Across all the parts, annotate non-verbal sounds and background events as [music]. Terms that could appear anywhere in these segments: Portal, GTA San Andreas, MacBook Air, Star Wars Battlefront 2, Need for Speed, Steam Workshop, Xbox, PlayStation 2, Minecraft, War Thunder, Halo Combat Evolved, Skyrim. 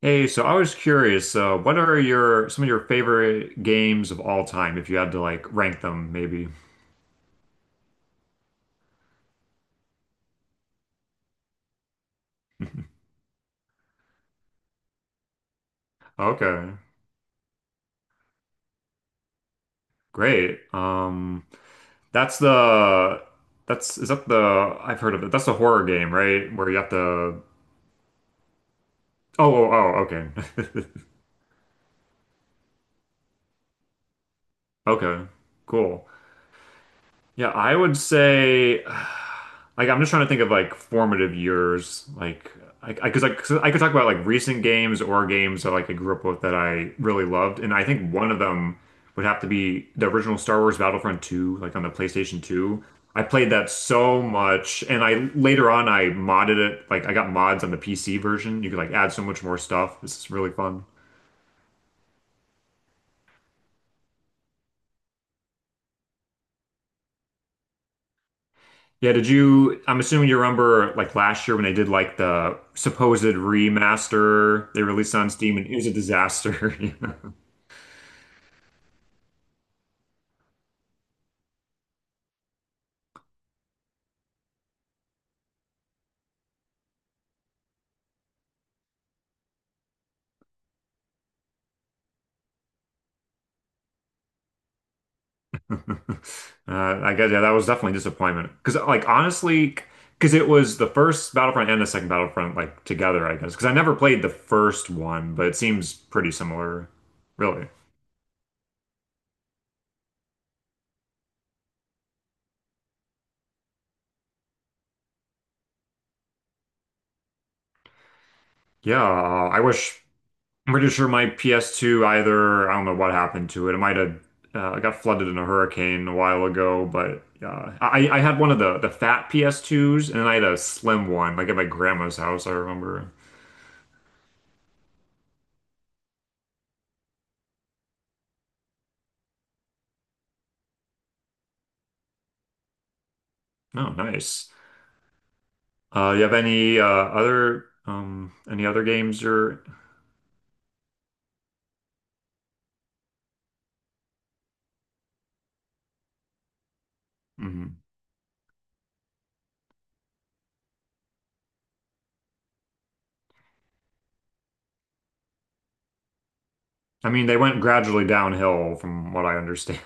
Hey, so I was curious, what are your some of your favorite games of all time, if you had to like rank them, maybe? [laughs] Okay, great. That's the that's is that the I've heard of it. That's the horror game, right? Where you have to. Oh, oh, okay, [laughs] okay, cool. Yeah, I would say, [sighs] like, I'm just trying to think of like formative years, like, 'cause I could talk about like recent games or games that like I grew up with that I really loved, and I think one of them would have to be the original Star Wars Battlefront 2, like on the PlayStation 2. I played that so much, and I later on I modded it, like I got mods on the PC version. You could like add so much more stuff. It's really fun. Yeah, did you? I'm assuming you remember like last year when they did like the supposed remaster they released on Steam and it was a disaster. [laughs] I guess yeah, that was definitely a disappointment. Because like honestly, because it was the first Battlefront and the second Battlefront like together, I guess. Because I never played the first one, but it seems pretty similar, really. Yeah, I wish. I'm pretty sure my PS2 either, I don't know what happened to it. It might have got flooded in a hurricane a while ago, but I had one of the fat PS2s and then I had a slim one, like at my grandma's house, I remember. Oh, nice. You have any other any other games or Mhm. I mean, they went gradually downhill from what I understand.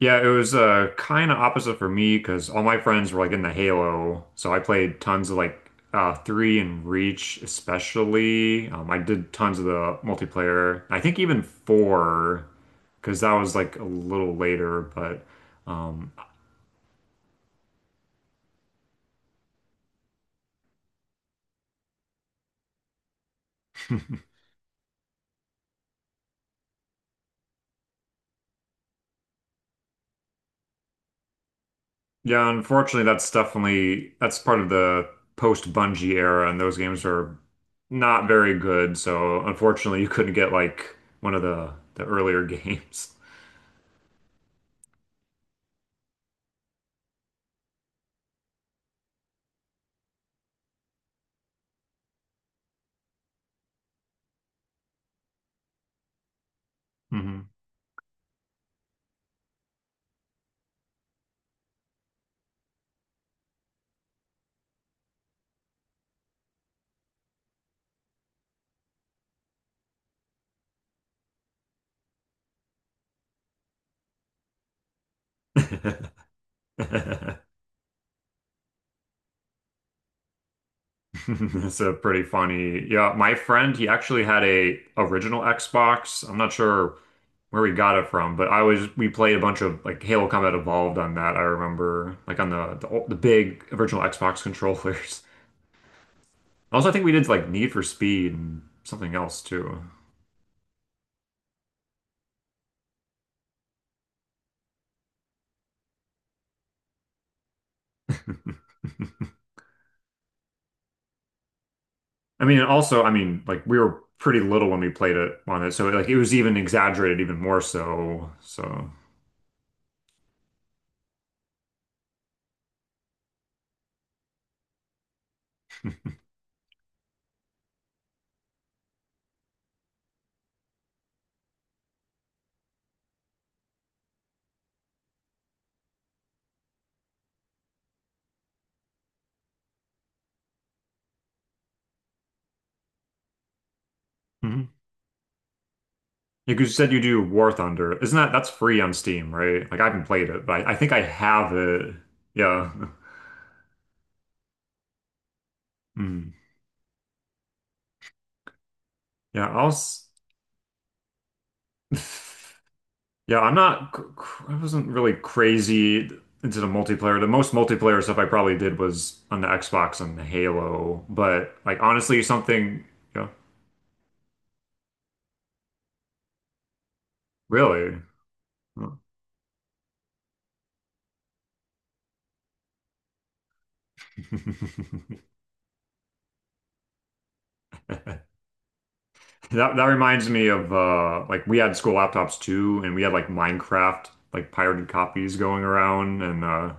Yeah, it was kind of opposite for me because all my friends were like in the Halo, so I played tons of like three and Reach especially. I did tons of the multiplayer. I think even four because that was like a little later, but um yeah, unfortunately that's part of the post Bungie era, and those games are not very good. So unfortunately, [laughs] you couldn't get like one of the earlier games. [laughs] Hmm. [laughs] [laughs] It's a pretty funny. Yeah, my friend, he actually had a original Xbox. I'm not sure where we got it from, but I was we played a bunch of like Halo Combat Evolved on that. I remember like on the big original Xbox controllers. [laughs] Also, I think we did like Need for Speed and something else too. [laughs] I mean, and also, I mean, like we were pretty little when we played it on it, so like it was even exaggerated even more so. So. You could- said you do War Thunder. Isn't that that's free on Steam, right? Like I haven't played it, but I think I have it. Yeah. [laughs] Mm. Yeah, I'll s- [laughs] Yeah, I'm not I wasn't really crazy into the multiplayer. The most multiplayer stuff I probably did was on the Xbox and Halo, but like honestly something, yeah, really. Oh. [laughs] That that reminds me of like we had school laptops too and we had like Minecraft like pirated copies going around and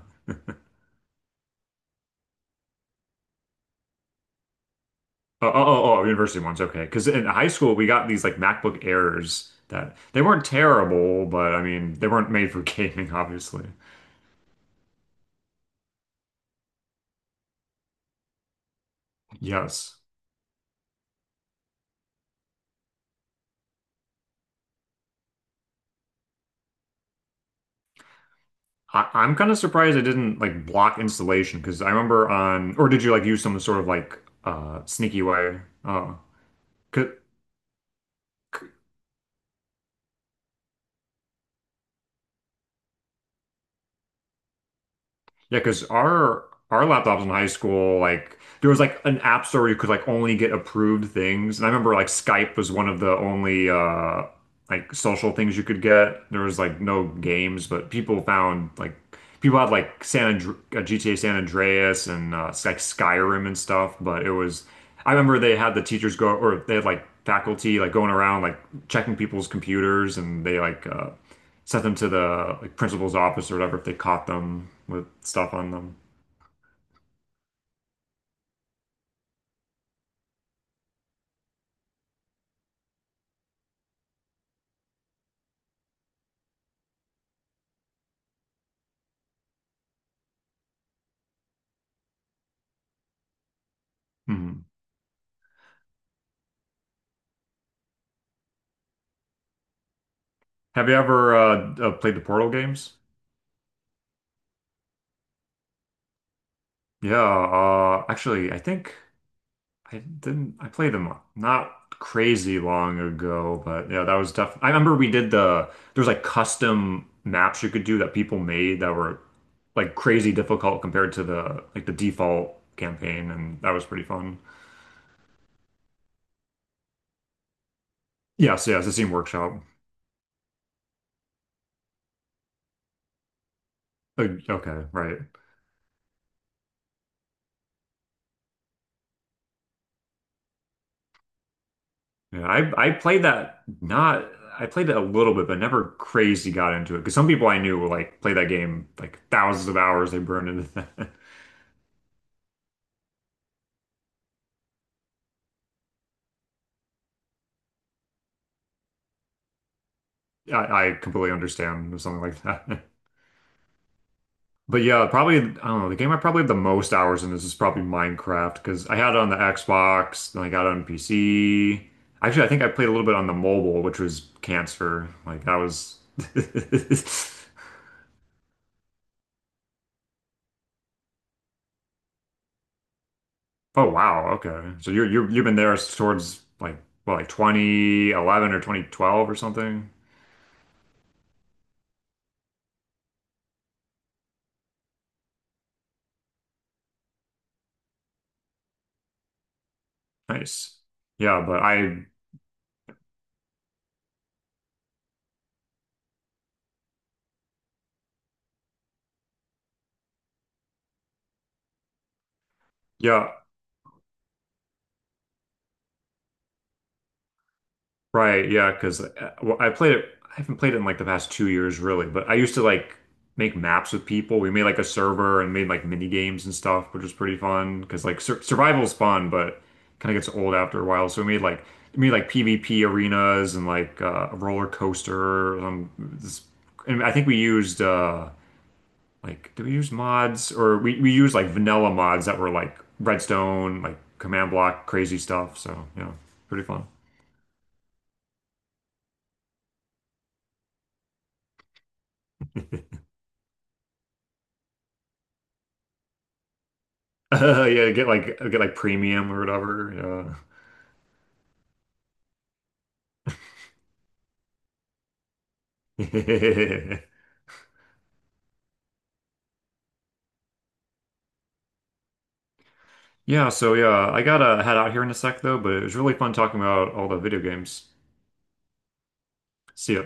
oh, oh, university ones. Okay. Because in high school, we got these like MacBook Airs that they weren't terrible, but I mean, they weren't made for [laughs] gaming, obviously. Yes. I'm kind of surprised it didn't like block installation because I remember on, or did you like use some sort of like sneaky way? Oh, yeah, because our laptops in high school, like there was like an app store where you could like only get approved things. And I remember like Skype was one of the only like social things you could get. There was like no games, but people had like San Andre GTA San Andreas and like Skyrim and stuff. But it was I remember they had the teachers go or they had like faculty like going around like checking people's computers and they like sent them to the like principal's office or whatever if they caught them with stuff on them. Hmm. Have you ever played the Portal games? Yeah, actually, I think I didn't. I played them not crazy long ago, but yeah, that was tough. I remember we did the there's like custom maps you could do that people made that were like crazy difficult compared to the default campaign, and that was pretty fun. Yes, yes, the Steam Workshop. Okay, right. Yeah, I played that not I played it a little bit, but never crazy got into it. Because some people I knew were like play that game like thousands of hours they burned into that. [laughs] I completely understand something like that. [laughs] But yeah, probably I don't know, the game I probably have the most hours in this is probably Minecraft because I had it on the Xbox, then I got it on PC. Actually, I think I played a little bit on the mobile, which was cancer. Like that was [laughs] oh wow, okay. So you've been there towards like well like 2011 or 2012 or something. Nice. Yeah, but I yeah, right, yeah because well, I haven't played it in like the past 2 years really, but I used to like make maps with people. We made like a server and made like mini games and stuff, which was pretty fun because like survival's fun, but kind of gets old after a while. So we made like PvP arenas and like a roller coaster and I think we used like do we use mods or we use like vanilla mods that were like redstone like command block crazy stuff so yeah pretty fun. [laughs] Yeah, get like premium or whatever. Yeah. [laughs] Yeah, so yeah I gotta head out here in a sec though but it was really fun talking about all the video games. See ya.